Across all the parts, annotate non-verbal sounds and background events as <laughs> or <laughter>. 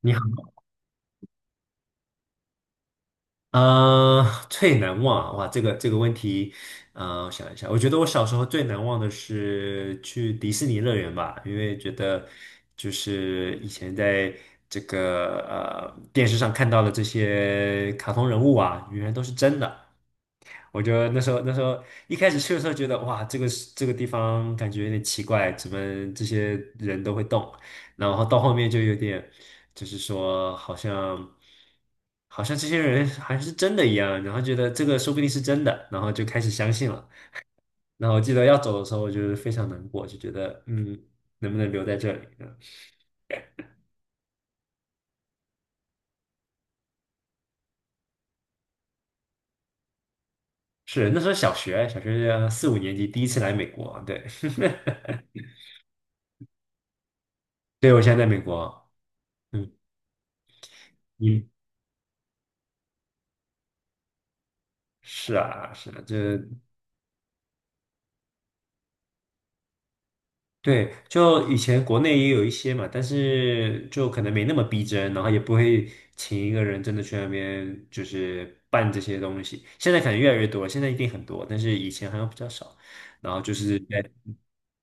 你好，呃，最难忘啊哇，这个问题，我想一下，我觉得我小时候最难忘的是去迪士尼乐园吧，因为觉得就是以前在这个电视上看到的这些卡通人物啊，原来都是真的，我就那时候一开始去的时候觉得哇，这个是这个地方感觉有点奇怪，怎么这些人都会动？然后到后面就有点，就是说好像这些人还是真的一样，然后觉得这个说不定是真的，然后就开始相信了。然后我记得要走的时候，我就是非常难过，就觉得嗯，能不能留在这里？嗯，是那时候小学4、5年级第一次来美国，对，<laughs> 对我现在在美国，嗯嗯。你是啊，是啊，对，就以前国内也有一些嘛，但是就可能没那么逼真，然后也不会请一个人真的去那边就是办这些东西。现在可能越来越多，现在一定很多，但是以前好像比较少。然后就是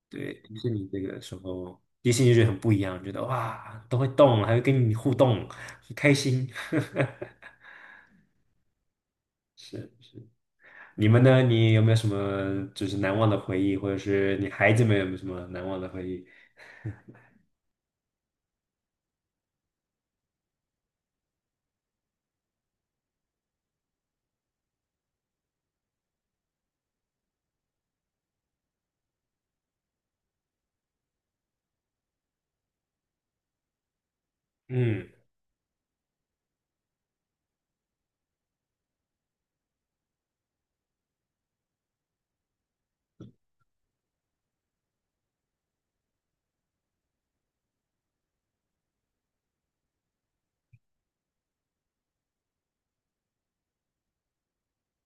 对，迪士尼这个时候，迪士尼就觉得很不一样，觉得哇都会动，还会跟你互动，很开心。<laughs> 是，你们呢？你有没有什么就是难忘的回忆，或者是你孩子们有没有什么难忘的回忆？嗯，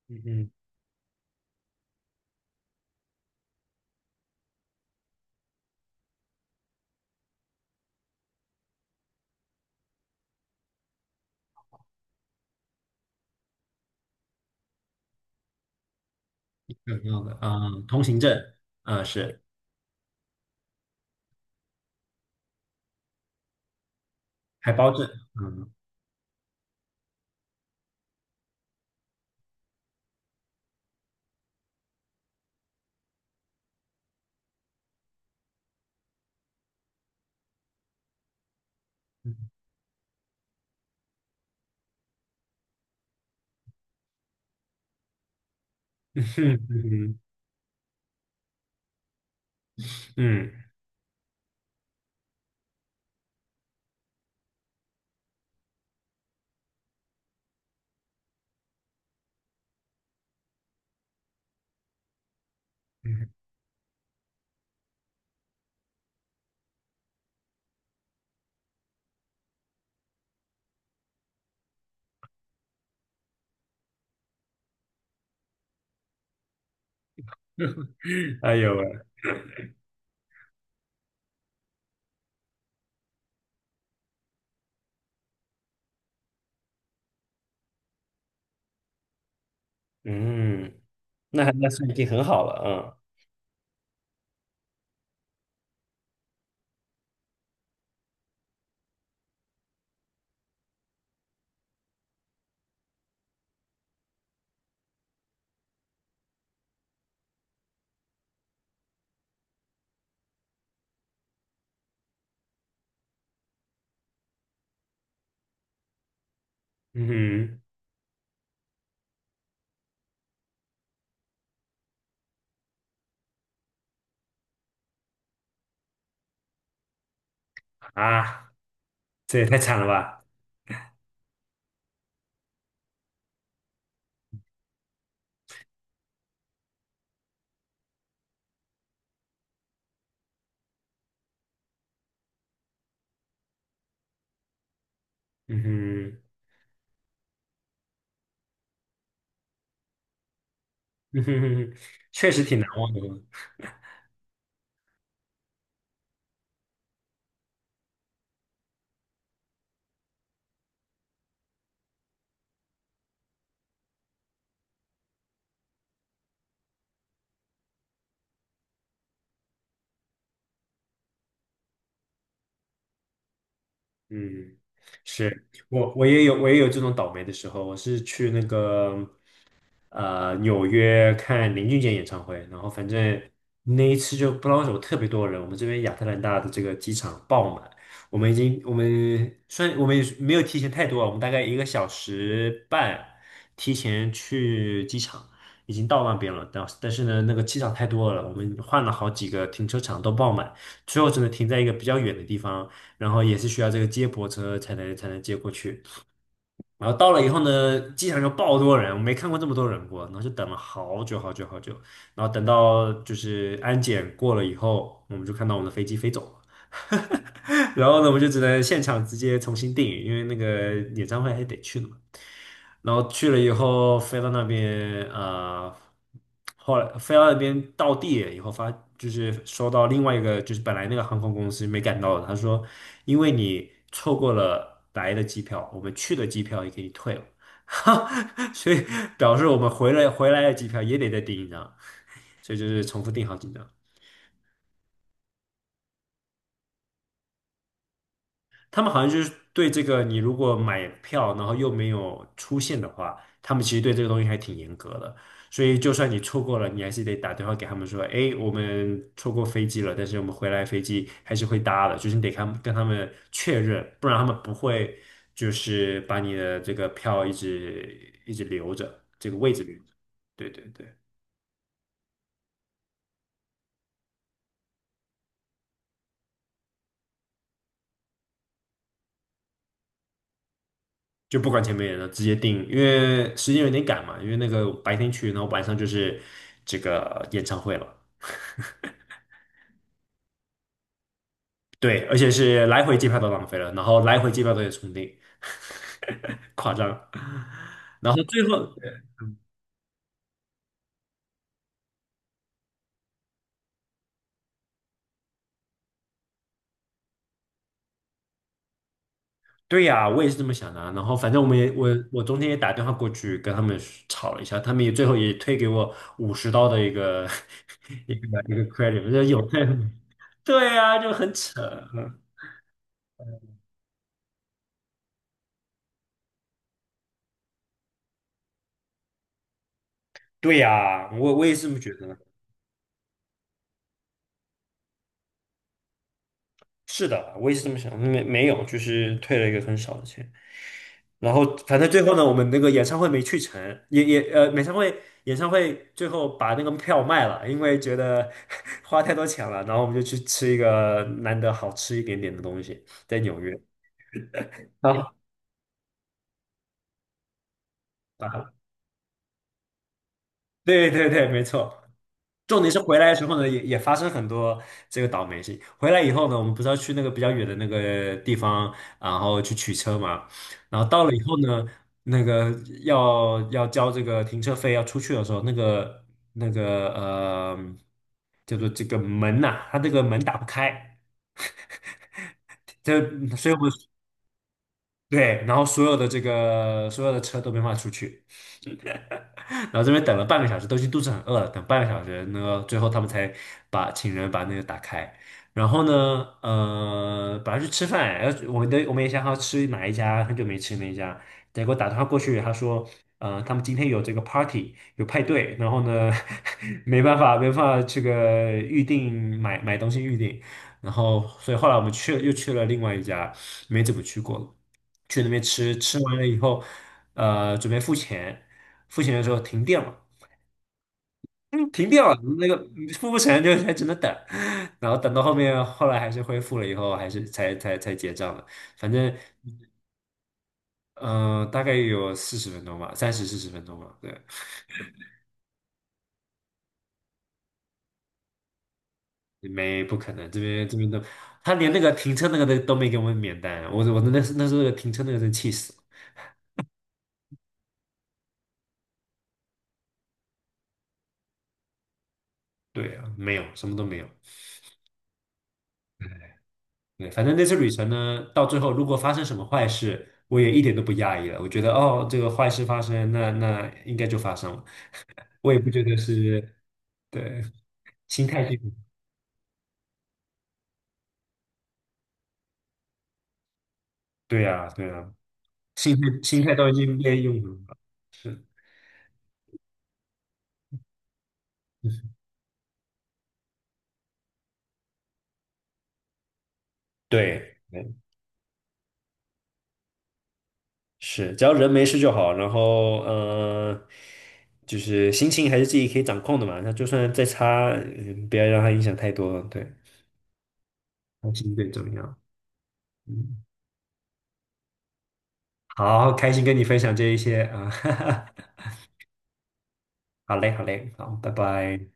嗯，嗯，有挺好的，嗯，通行证，嗯，是海胞证，嗯，<laughs> 嗯嗯嗯嗯，<laughs> 哎呦喂，嗯，那那算已经很好了，嗯，嗯哼，啊，这也太惨了吧，嗯哼，<laughs> 嗯哼哼哼，确实挺难忘的，嗯，是我我也有这种倒霉的时候，我是去那个纽约看林俊杰演唱会，然后反正那一次就不知道为什么特别多人，我们这边亚特兰大的这个机场爆满，我们虽然我们也是没有提前太多啊，我们大概1个小时半提前去机场，已经到那边了，但是呢那个机场太多了，我们换了好几个停车场都爆满，最后只能停在一个比较远的地方。然后也是需要这个接驳车才能接过去。然后到了以后呢，机场就爆多人，我没看过这么多人过，然后就等了好久好久好久，然后等到就是安检过了以后，我们就看到我们的飞机飞走了。然后呢，我就只能现场直接重新订，因为那个演唱会还得去的嘛。然后去了以后，飞到那边，后来飞到那边到地以后发，就是收到另外一个，就是本来那个航空公司没赶到的，他说，因为你错过了来的机票，我们去的机票也给你退了，<laughs> 所以表示我们回来的机票也得再订一张，所以就是重复订好几张。他们好像就是对这个，你如果买票然后又没有出现的话，他们其实对这个东西还挺严格的。所以就算你错过了，你还是得打电话给他们说，哎，我们错过飞机了，但是我们回来飞机还是会搭的，就是你得看，跟他们确认，不然他们不会就是把你的这个票一直一直留着，这个位置留着。对对对。就不管前面人了，直接定，因为时间有点赶嘛，因为那个白天去，然后晚上就是这个演唱会了。对，而且是来回机票都浪费了，然后来回机票都得重订，<laughs> 夸张。然后最后，对呀、我也是这么想的啊然后反正我们也我中间也打电话过去跟他们吵了一下，他们也最后也退给我50刀的一个 <laughs> 一个 credit，我说有 <laughs> 对呀、就很扯。嗯，对呀、我也是这么觉得。是的，我也是这么想，没有，就是退了一个很少的钱。然后反正最后呢，我们那个演唱会没去成，也演唱会最后把那个票卖了，因为觉得 <laughs> 花太多钱了，然后我们就去吃一个难得好吃一点点的东西，在纽约。啊，啊，对对对，没错。重点是回来的时候呢，也发生很多这个倒霉事。回来以后呢，我们不是要去那个比较远的那个地方，然后去取车嘛。然后到了以后呢，那个要交这个停车费，要出去的时候，那个叫做这个门呐、它这个门打不开，这所以我们对，然后所有的这个所有的车都没法出去。然后这边等了半个小时，都已经肚子很饿了，等半个小时，那个最后他们才把请人把那个打开。然后呢，本来去吃饭，然后我们也想好吃哪一家，很久没吃那一家，结果打电话过去，他说，他们今天有这个 party，有派对，然后呢，<laughs> 没办法，没办法这个预定买东西预定，然后所以后来我们去又去了另外一家，没怎么去过了，去那边吃，吃完了以后，准备付钱。付钱的时候停电了，嗯，停电了，那个付不成就还只能等，<laughs> 然后等到后面，后来还是恢复了以后，还是才结账的，反正大概有四十分钟吧，30、40分钟吧，对，没不可能，这边都，他连那个停车那个都没给我们免单，我那时候那个停车那个真气死了对啊，没有什么都没有，对，反正那次旅程呢，到最后如果发生什么坏事。我也一点都不讶异了，我觉得哦，这个坏事发生，那应该就发生了。我也不觉得是，对，心态是，对呀，对呀，心态都已经被用了。对，对，是，只要人没事就好。然后，就是心情还是自己可以掌控的嘛。那就算再差，不要让它影响太多了对，开心最重要。嗯，好，开心跟你分享这一些啊，<laughs> 哈哈。好嘞，好嘞，好，拜拜。